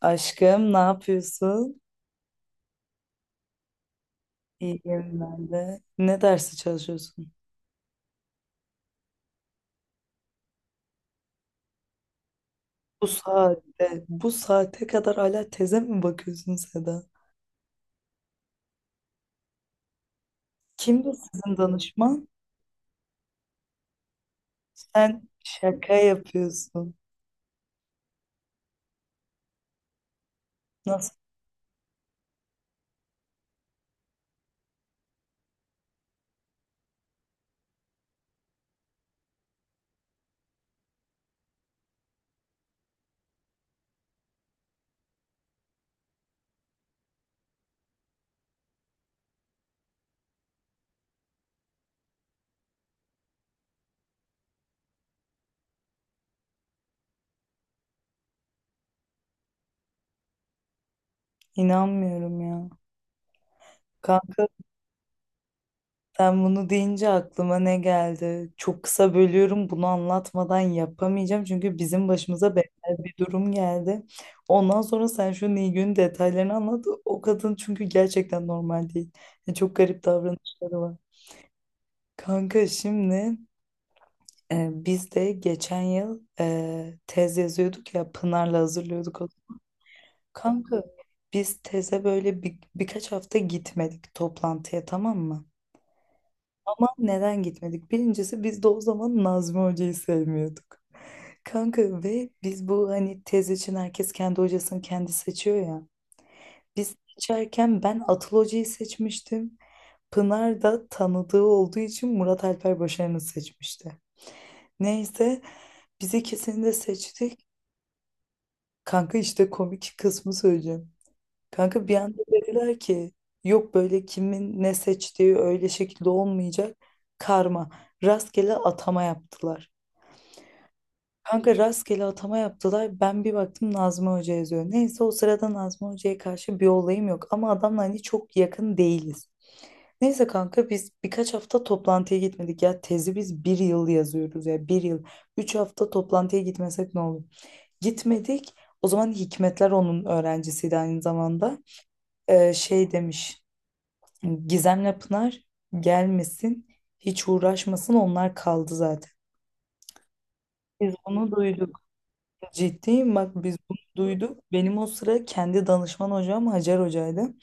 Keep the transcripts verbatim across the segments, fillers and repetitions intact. Aşkım, ne yapıyorsun? İyiyim ben de. Ne dersi çalışıyorsun? Bu saatte, bu saate kadar hala teze mi bakıyorsun Seda? Kimdi sizin danışman? Sen şaka yapıyorsun. Nasıl? İnanmıyorum ya. Kanka, sen bunu deyince aklıma ne geldi? Çok kısa bölüyorum. Bunu anlatmadan yapamayacağım. Çünkü bizim başımıza benzer bir durum geldi. Ondan sonra sen şu Nilgün'ün detaylarını anlat. O kadın çünkü gerçekten normal değil. Yani çok garip davranışları var. Kanka, şimdi, e, biz de geçen yıl e, tez yazıyorduk ya, Pınar'la hazırlıyorduk. o- Kanka, biz teze böyle bir, birkaç hafta gitmedik toplantıya, tamam mı? Ama neden gitmedik? Birincisi biz de o zaman Nazmi Hoca'yı sevmiyorduk. Kanka, ve biz bu hani tez için herkes kendi hocasını kendi seçiyor ya. Biz seçerken ben Atıl Hoca'yı seçmiştim. Pınar da tanıdığı olduğu için Murat Alper Başaran'ı seçmişti. Neyse, biz ikisini de seçtik. Kanka, işte komik kısmı söyleyeceğim. Kanka, bir anda dediler ki yok böyle, kimin ne seçtiği öyle şekilde olmayacak. Karma. Rastgele atama yaptılar. Kanka, rastgele atama yaptılar. Ben bir baktım, Nazmi Hoca yazıyor. Neyse, o sırada Nazmi Hoca'ya karşı bir olayım yok. Ama adamla hani çok yakın değiliz. Neyse kanka, biz birkaç hafta toplantıya gitmedik ya. Tezi biz bir yıl yazıyoruz ya, bir yıl. Üç hafta toplantıya gitmesek ne olur? Gitmedik. O zaman Hikmetler onun öğrencisiydi aynı zamanda. Ee, şey demiş. Gizem'le Pınar gelmesin. Hiç uğraşmasın, onlar kaldı zaten. Biz bunu duyduk. Ciddiyim, bak biz bunu duyduk. Benim o sıra kendi danışman hocam Hacer hocaydı.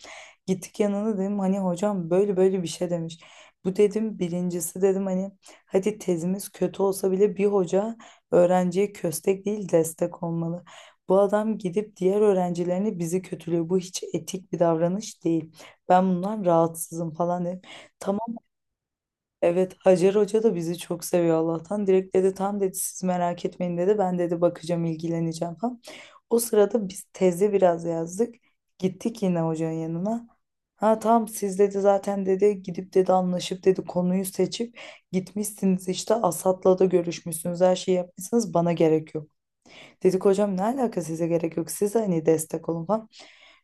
Gittik yanına, dedim hani hocam böyle böyle bir şey demiş. Bu, dedim, birincisi, dedim, hani hadi tezimiz kötü olsa bile bir hoca öğrenciye köstek değil destek olmalı. Bu adam gidip diğer öğrencilerini bizi kötülüyor. Bu hiç etik bir davranış değil. Ben bundan rahatsızım falan dedim. Tamam. Evet, Hacer Hoca da bizi çok seviyor Allah'tan. Direkt dedi, tam dedi siz merak etmeyin dedi. Ben, dedi, bakacağım ilgileneceğim falan. O sırada biz teze biraz yazdık. Gittik yine hocanın yanına. Ha tamam, siz, dedi, zaten, dedi, gidip, dedi, anlaşıp, dedi, konuyu seçip gitmişsiniz, işte Asat'la da görüşmüşsünüz, her şeyi yapmışsınız, bana gerek yok. Dedik hocam ne alaka, size gerek yok, siz hani destek olun falan.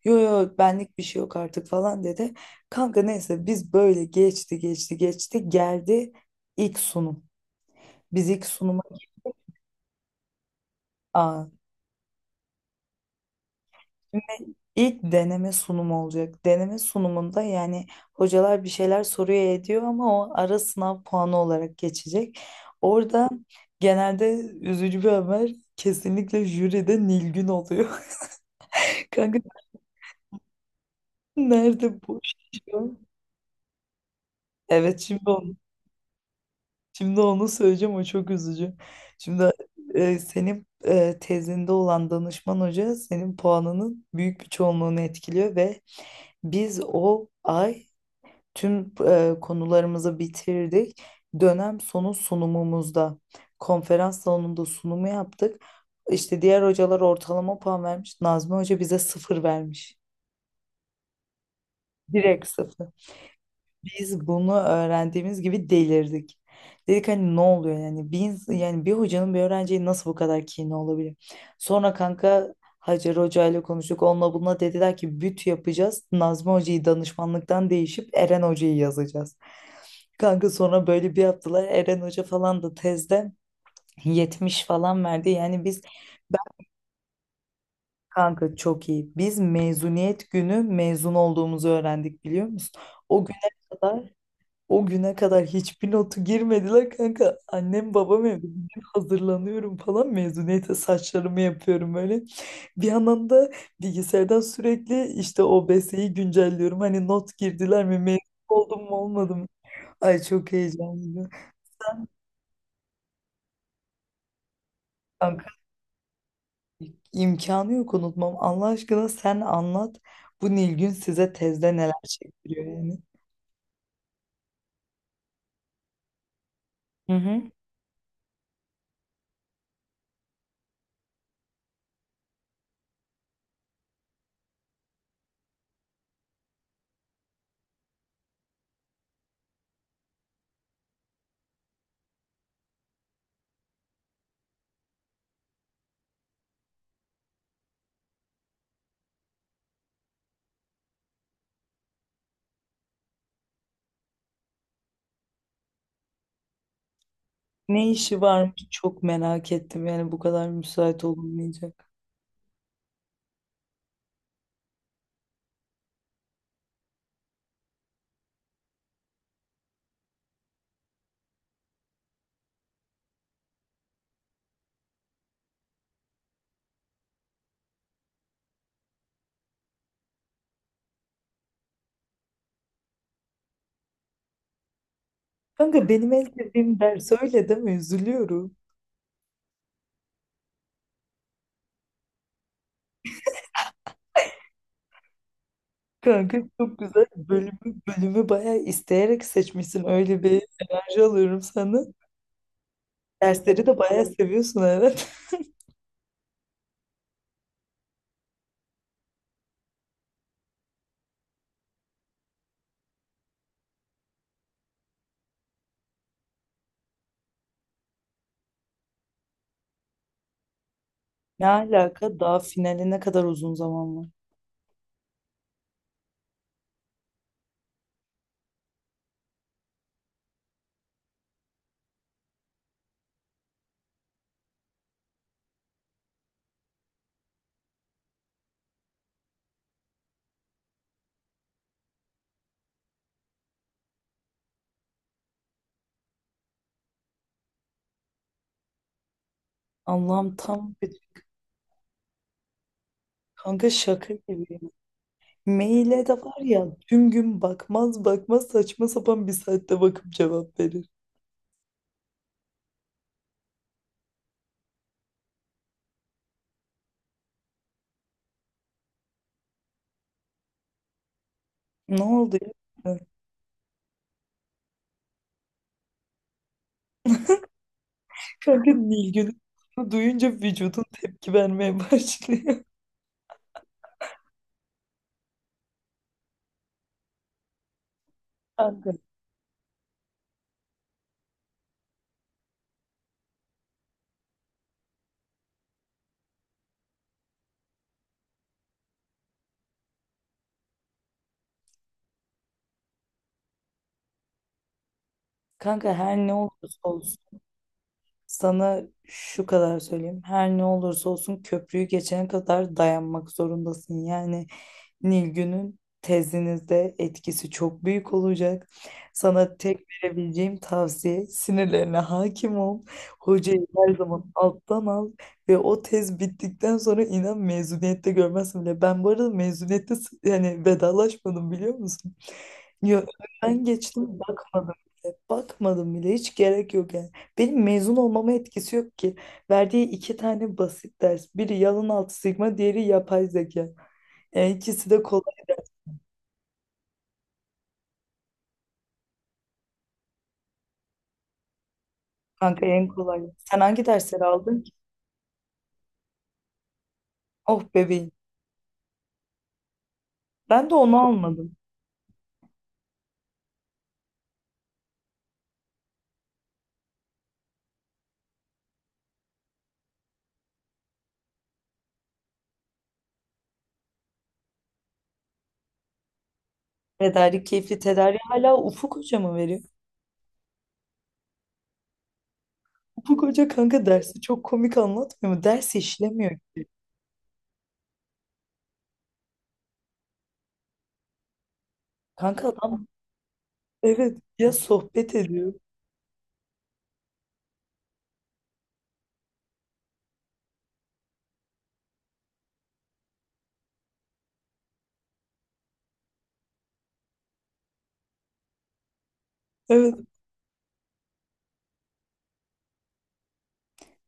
Yo yo, benlik bir şey yok artık falan dedi. Kanka neyse, biz böyle geçti geçti geçti geldi ilk sunum. Biz ilk sunuma. Aa, ilk deneme sunumu olacak. Deneme sunumunda yani hocalar bir şeyler soruyor ediyor ama o ara sınav puanı olarak geçecek. Orada genelde üzücü bir haber, kesinlikle jüride Nilgün oluyor. Kanka, nerede bu iş ya? Evet. Şimdi Şimdi onu söyleyeceğim, o çok üzücü. Şimdi, e, senin, e, tezinde olan danışman hoca senin puanının büyük bir çoğunluğunu etkiliyor ve biz o ay tüm e, konularımızı bitirdik. Dönem sonu sunumumuzda konferans salonunda sunumu yaptık. İşte diğer hocalar ortalama puan vermiş, Nazmi Hoca bize sıfır vermiş. Direkt sıfır. Biz bunu öğrendiğimiz gibi delirdik. Dedik hani ne oluyor, yani bir ins- yani bir hocanın bir öğrenciye nasıl bu kadar kini olabilir? Sonra kanka Hacer Hoca ile konuştuk. Onunla bununla dediler ki büt yapacağız, Nazmi Hoca'yı danışmanlıktan değişip Eren Hoca'yı yazacağız. Kanka, sonra böyle bir yaptılar. Eren Hoca falan da tezde yetmiş falan verdi. Yani biz, kanka, çok iyi. Biz mezuniyet günü mezun olduğumuzu öğrendik, biliyor musun? O güne kadar O güne kadar hiçbir notu girmediler kanka. Annem babam evde. Ben hazırlanıyorum falan, mezuniyete saçlarımı yapıyorum böyle. Bir yandan da bilgisayardan sürekli işte o OBS'yi güncelliyorum. Hani not girdiler mi, mezun oldum mu olmadım mı? Ay, çok heyecanlıydı. Kanka, imkanı yok unutmam. Allah aşkına sen anlat. Bu Nilgün size tezde neler çektiriyor yani. Hı hı. Ne işi varmış, çok merak ettim yani, bu kadar müsait olunmayacak. Kanka, benim en sevdiğim ders, öyle deme, üzülüyorum. Kanka, çok güzel bölümü, bölümü bayağı isteyerek seçmişsin. Öyle bir enerji alıyorum sana. Dersleri de bayağı seviyorsun, evet. Ne alaka, daha finale ne kadar uzun zaman var. Allah'ım, tam bir, kanka, şaka gibi. Maile de var ya, tüm gün bakmaz bakmaz, saçma sapan bir saatte bakıp cevap verir. Ne oldu ya? Kanka, Nilgün'ü duyunca vücudun tepki vermeye başlıyor. Kanka Kanka her ne olursa olsun sana şu kadar söyleyeyim. Her ne olursa olsun köprüyü geçene kadar dayanmak zorundasın. Yani Nilgün'ün tezinizde etkisi çok büyük olacak. Sana tek verebileceğim tavsiye, sinirlerine hakim ol. Hocayı her zaman alttan al ve o tez bittikten sonra inan mezuniyette görmezsin bile. Ben bu arada mezuniyette s- yani vedalaşmadım, biliyor musun? Yo, ben geçtim bakmadım bile. Bakmadım bile, hiç gerek yok yani. Benim mezun olmama etkisi yok ki. Verdiği iki tane basit ders. Biri yalın altı sigma, diğeri yapay zeka. Yani ikisi de kolay ders kanka, en kolay. Sen hangi dersleri aldın ki? Oh, bebeğim. Ben de onu almadım. Tedarik keyifli, tedarik hala Ufuk Hoca mı veriyor? Ufuk Hoca kanka dersi çok komik anlatmıyor mu? Ders işlemiyor. Kanka adam, evet ya, sohbet ediyor. Evet.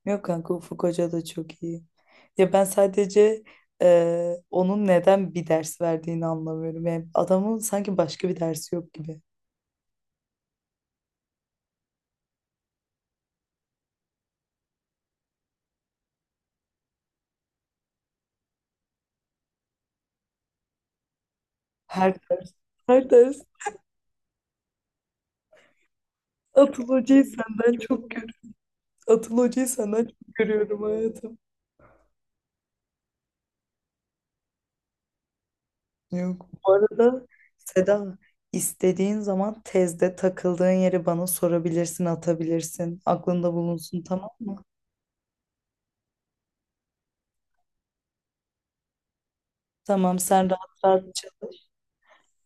Yok kanka, Ufuk Hoca da çok iyi. Ya ben sadece eee, onun neden bir ders verdiğini anlamıyorum. Yani adamın sanki başka bir dersi yok gibi. Her ders, her ders Atıl Hoca'yı senden çok görüyorum. Atıl Hoca'yı senden çok görüyorum, hayatım. Yok. Bu arada Seda, istediğin zaman tezde takıldığın yeri bana sorabilirsin, atabilirsin. Aklında bulunsun, tamam mı? Tamam, sen rahat rahat çalış.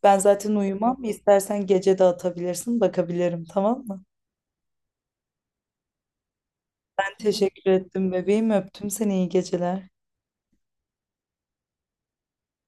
Ben zaten uyumam. İstersen gece de atabilirsin, bakabilirim, tamam mı? Ben teşekkür ettim bebeğim. Öptüm seni. İyi geceler.